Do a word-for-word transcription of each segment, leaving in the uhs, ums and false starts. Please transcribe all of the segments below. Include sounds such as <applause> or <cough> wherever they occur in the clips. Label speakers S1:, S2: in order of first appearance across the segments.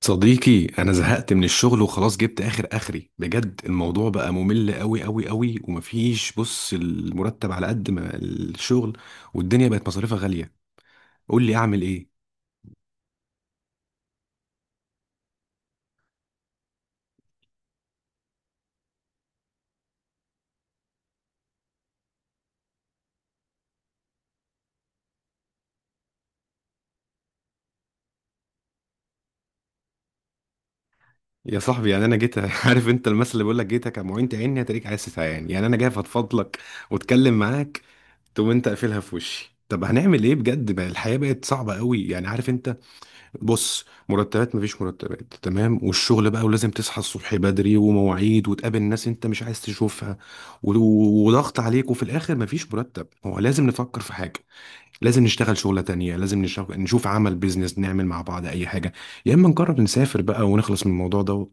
S1: صديقي، انا زهقت من الشغل وخلاص جبت اخر اخري بجد. الموضوع بقى ممل قوي قوي قوي ومفيش. بص، المرتب على قد ما الشغل، والدنيا بقت مصاريفها غالية. قول لي اعمل ايه. يا صاحبي، يعني انا جيت <laughs> عارف انت المثل اللي بيقول لك جيتك يا معين تعيني هتريك عايز تتعين. يعني انا جاي افضفضلك واتكلم معاك، تقوم انت قافلها في وشي. طب هنعمل ايه بجد بقى؟ الحياة بقت صعبة قوي، يعني عارف انت. بص، مرتبات مفيش، مرتبات تمام والشغل بقى، ولازم تصحى الصبح بدري ومواعيد وتقابل ناس انت مش عايز تشوفها، و- وضغط عليك، وفي الاخر مفيش مرتب. هو لازم نفكر في حاجة، لازم نشتغل شغلة تانية، لازم نشغل نشوف عمل بيزنس، نعمل مع بعض اي حاجة، يا اما نقرر نسافر بقى ونخلص من الموضوع ده.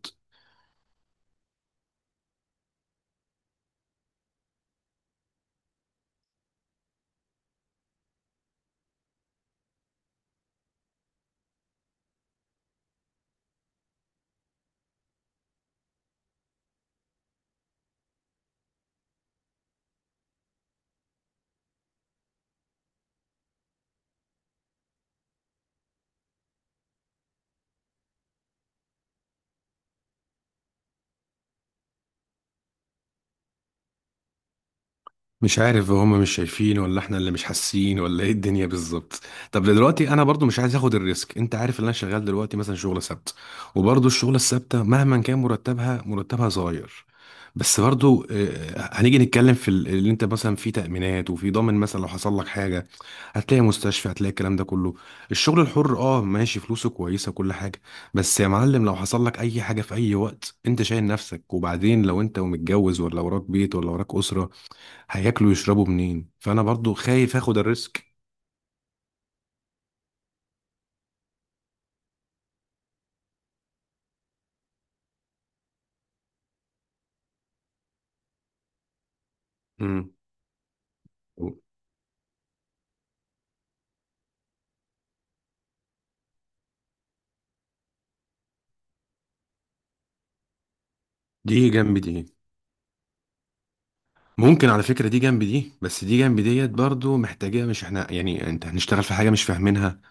S1: مش عارف، هم مش شايفين ولا احنا اللي مش حاسين ولا ايه الدنيا بالظبط؟ طب دلوقتي انا برضو مش عايز اخد الريسك. انت عارف ان انا شغال دلوقتي مثلا شغل سبت، وبرضو الشغل الثابته مهما كان مرتبها، مرتبها صغير. بس برضو آه، هنيجي نتكلم في ال- اللي انت مثلا في تأمينات وفي ضامن، مثلا لو حصل لك حاجه هتلاقي مستشفى، هتلاقي الكلام ده كله. الشغل الحر اه ماشي، فلوسه كويسه، كل حاجه. بس يا معلم، لو حصل لك اي حاجه في اي وقت انت شايل نفسك. وبعدين لو انت ومتجوز ولا وراك بيت ولا وراك اسره، هياكلوا ويشربوا منين؟ فانا برضو خايف اخد الريسك. امم دي جنب دي. ممكن على فكرة دي جنب دي، بس دي جنب ديت برضو محتاجة. مش احنا يعني انت هنشتغل في حاجة مش فاهمينها،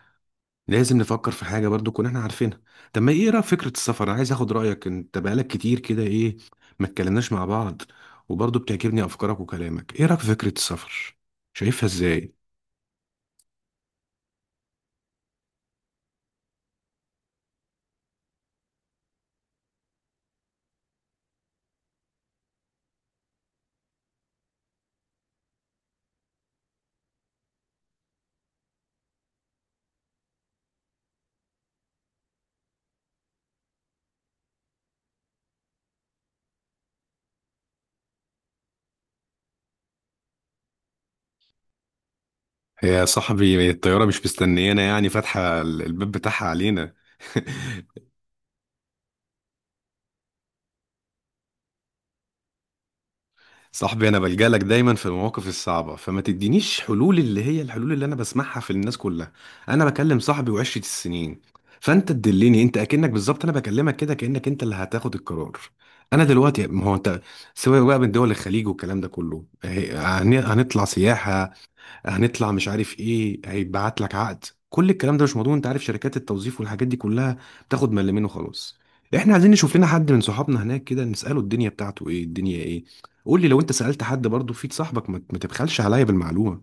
S1: لازم نفكر في حاجة برضو كنا احنا عارفينها. طب ما ايه رأيك في فكرة السفر؟ انا عايز اخد رأيك، انت بقالك كتير كده ايه، ما اتكلمناش مع بعض. وبرضو بتعجبني افكارك وكلامك. ايه رأيك في فكرة السفر؟ شايفها ازاي؟ يا صاحبي الطيارة مش مستنيانا، يعني فاتحة ال- الباب بتاعها علينا <laughs> صاحبي، انا بلجأ لك دايما في المواقف الصعبه فما تدينيش حلول اللي هي الحلول اللي انا بسمعها في الناس كلها. انا بكلم صاحبي وعشرة السنين، فانت تدلني انت. اكنك بالظبط، انا بكلمك كده كانك انت اللي هتاخد القرار. انا دلوقتي ما هو انت. سواء بقى من دول الخليج والكلام ده كله، هي- هن- هنطلع سياحه، هنطلع مش عارف ايه، هيتبعت لك عقد، كل الكلام ده مش مضمون. انت عارف شركات التوظيف والحاجات دي كلها بتاخد ملمين وخلاص. احنا عايزين نشوف لنا حد من صحابنا هناك كده نساله الدنيا بتاعته ايه الدنيا ايه. قول لي، لو انت سالت حد برضه فيك صاحبك، ما ما تبخلش عليا بالمعلومه.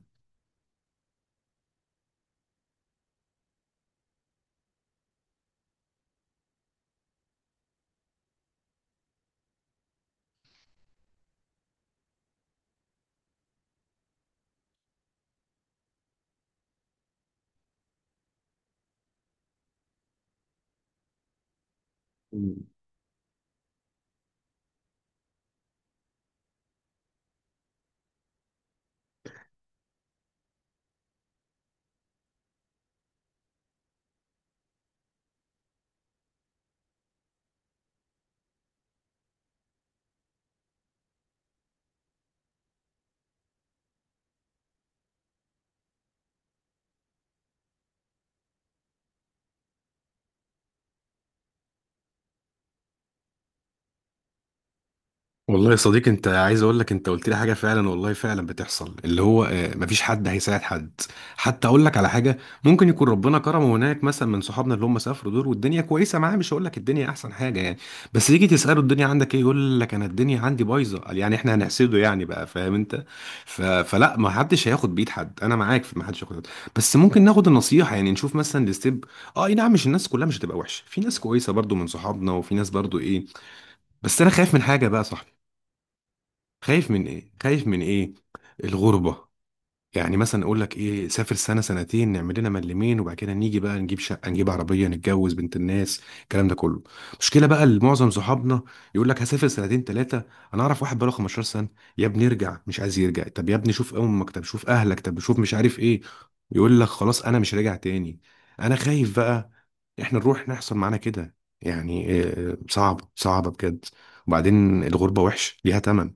S1: والله يا صديقي، انت عايز اقول لك، انت قلت لي حاجه فعلا والله، فعلا بتحصل اللي هو آه، مفيش حد هيساعد حد. حتى اقول لك على حاجه، ممكن يكون ربنا كرمه هناك مثلا من صحابنا اللي هم سافروا دول، والدنيا كويسه معاه، مش هقول لك الدنيا احسن حاجه يعني. بس يجي تساله الدنيا عندك ايه، يقول لك انا الدنيا عندي بايظه. قال يعني احنا هنحسده يعني بقى، فاهم انت؟ ف... فلا، ما حدش هياخد بايد حد. انا معاك في ما حدش هياخد بإيد. بس ممكن ناخد النصيحه، يعني نشوف مثلا الستيب. اه اي نعم، مش الناس كلها مش هتبقى وحشه، في ناس كويسه برضو من صحابنا، وفي ناس برضو ايه. بس انا خايف من حاجه بقى، صح؟ خايف من ايه؟ خايف من ايه؟ الغربة. يعني مثلا اقول لك ايه، سافر سنة سنتين، نعمل لنا ملمين، وبعد كده نيجي بقى نجيب شقة، نجيب عربية، نتجوز بنت الناس، الكلام ده كله. مشكلة بقى لمعظم صحابنا، يقول لك هسافر سنتين ثلاثة. انا اعرف واحد بقاله 15 سنة. يا ابني ارجع مش عايز يرجع، طب يا ابني شوف امك، طب شوف اهلك، طب شوف مش عارف ايه. يقول لك خلاص انا مش راجع تاني. انا خايف بقى احنا نروح نحصل معانا كده. يعني آه، صعب، صعبة بجد. وبعدين الغربة وحش، ليها تمن.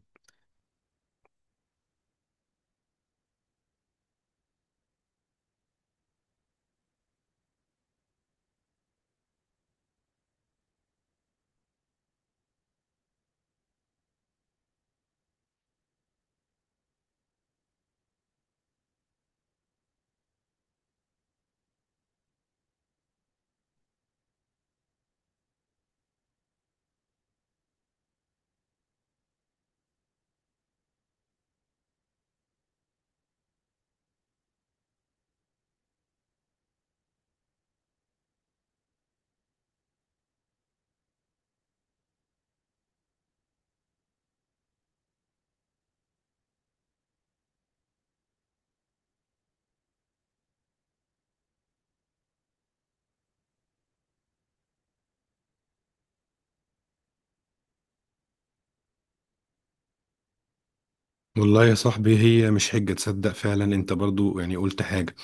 S1: والله يا صاحبي، هي مش حجة، تصدق فعلا؟ انت برضو يعني قلت حاجة.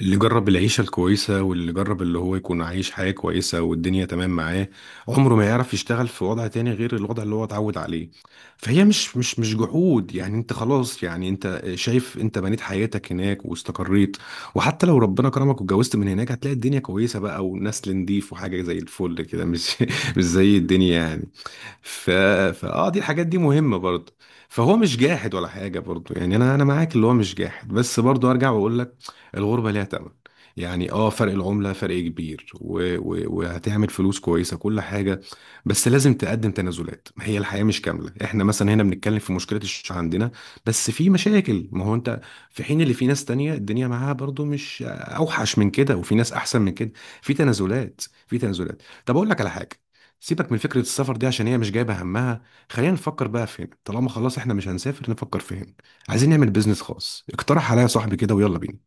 S1: اللي جرب العيشة الكويسة، واللي جرب اللي هو يكون عايش حياة كويسة والدنيا تمام معاه، عمره ما يعرف يشتغل في وضع تاني غير الوضع اللي هو اتعود عليه. فهي مش مش مش جحود يعني. انت خلاص يعني انت شايف، انت بنيت حياتك هناك واستقريت. وحتى لو ربنا كرمك واتجوزت من هناك، هتلاقي الدنيا كويسة بقى، ونسل نضيف، وحاجة زي الفل كده، مش <laughs> مش زي الدنيا يعني. ف... فاه، دي الحاجات دي مهمة برضه. فهو مش جاحد ولا حاجة برضه، يعني انا انا معاك اللي هو مش جاحد. بس برضه ارجع واقول لك، الغربة ليها تمن. يعني اه فرق العملة فرق كبير، و... و... وهتعمل فلوس كويسة كل حاجة. بس لازم تقدم تنازلات، ما هي الحياة مش كاملة. احنا مثلا هنا بنتكلم في مشكلة الشيش عندنا، بس في مشاكل. ما هو انت في حين اللي في ناس تانية الدنيا معاها برضه مش اوحش من كده، وفي ناس احسن من كده. في تنازلات، في تنازلات. طب اقول لك على حاجة، سيبك من فكرة السفر دي عشان هي مش جايبة همها. خلينا نفكر بقى فين، طالما خلاص احنا مش هنسافر نفكر فين. عايزين نعمل بيزنس خاص، اقترح عليا صاحبي كده، ويلا بينا.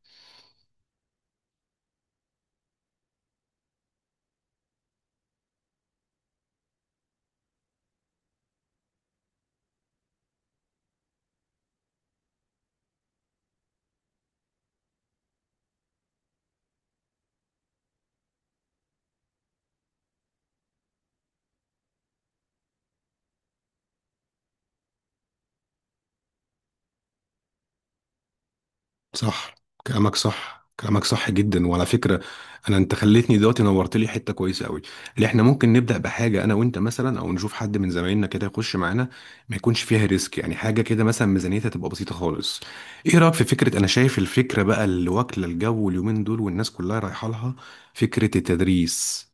S1: صح، كلامك صح، كلامك صح جدا. وعلى فكرة، انا انت خليتني دلوقتي، نورت لي حتة كويسة قوي. اللي احنا ممكن نبدأ بحاجة انا وانت مثلا، او نشوف حد من زمايلنا كده يخش معانا، ما يكونش فيها ريسك، يعني حاجة كده مثلا ميزانيتها تبقى بسيطة خالص. ايه رأيك في فكرة، انا شايف الفكرة بقى اللي واكلة الجو اليومين دول والناس كلها رايحة لها، فكرة التدريس.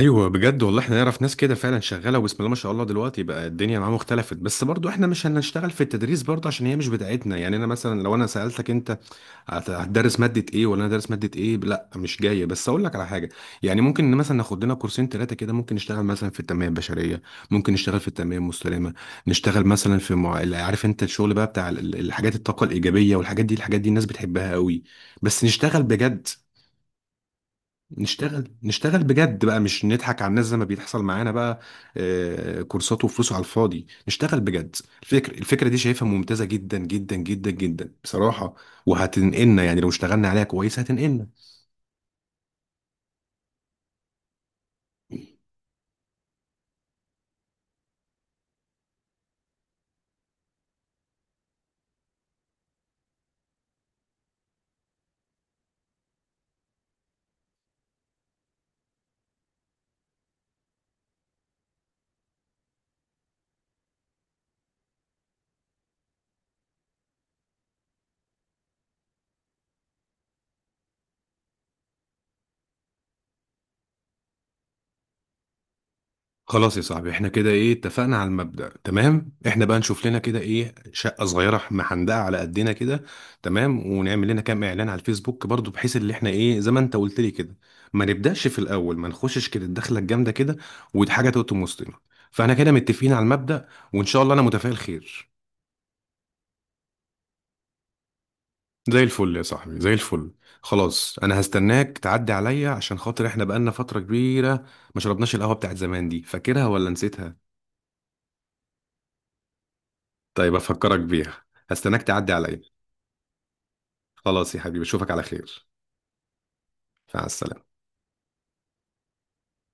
S1: ايوه بجد والله، احنا نعرف ناس كده فعلا شغاله، وبسم الله ما شاء الله دلوقتي بقى الدنيا معاهم اختلفت. بس برضو احنا مش هنشتغل في التدريس برضو عشان هي مش بتاعتنا. يعني انا مثلا لو انا سالتك انت هت- هتدرس ماده ايه، ولا انا دارس ماده ايه، لا مش جايه. بس اقول لك على حاجه، يعني ممكن مثلا ناخد لنا كورسين ثلاثه كده. ممكن نشتغل مثلا في التنميه البشريه، ممكن نشتغل في التنميه المستدامه، نشتغل مثلا في مع... عارف انت الشغل بقى بتاع ال- الحاجات، الطاقه الايجابيه والحاجات دي. الحاجات دي الناس بتحبها قوي، بس نشتغل بجد. نشتغل نشتغل بجد بقى، مش نضحك على الناس زي ما بيحصل معانا بقى، آه، كورسات وفلوس على الفاضي. نشتغل بجد. الفكر الفكرة دي شايفها ممتازة جدا جدا جدا جدا بصراحة، وهتنقلنا، يعني لو اشتغلنا عليها كويس هتنقلنا. خلاص يا صاحبي، احنا كده ايه اتفقنا على المبدأ. تمام، احنا بقى نشوف لنا كده ايه شقة صغيرة محندقة على قدنا كده، تمام. ونعمل لنا كام اعلان على الفيسبوك برضو، بحيث اللي احنا ايه زي ما انت قلت لي كده، ما نبدأش في الاول ما نخشش كده الدخلة الجامدة كده، ودي حاجة تقطم وسطنا. فاحنا كده متفقين على المبدأ، وان شاء الله انا متفائل خير. زي الفل يا صاحبي، زي الفل. خلاص انا هستناك تعدي عليا عشان خاطر، احنا بقالنا فترة كبيرة ما شربناش القهوة بتاعت زمان. دي فاكرها ولا نسيتها؟ طيب افكرك بيها. هستناك تعدي عليا. خلاص يا حبيبي اشوفك على خير. مع السلامة.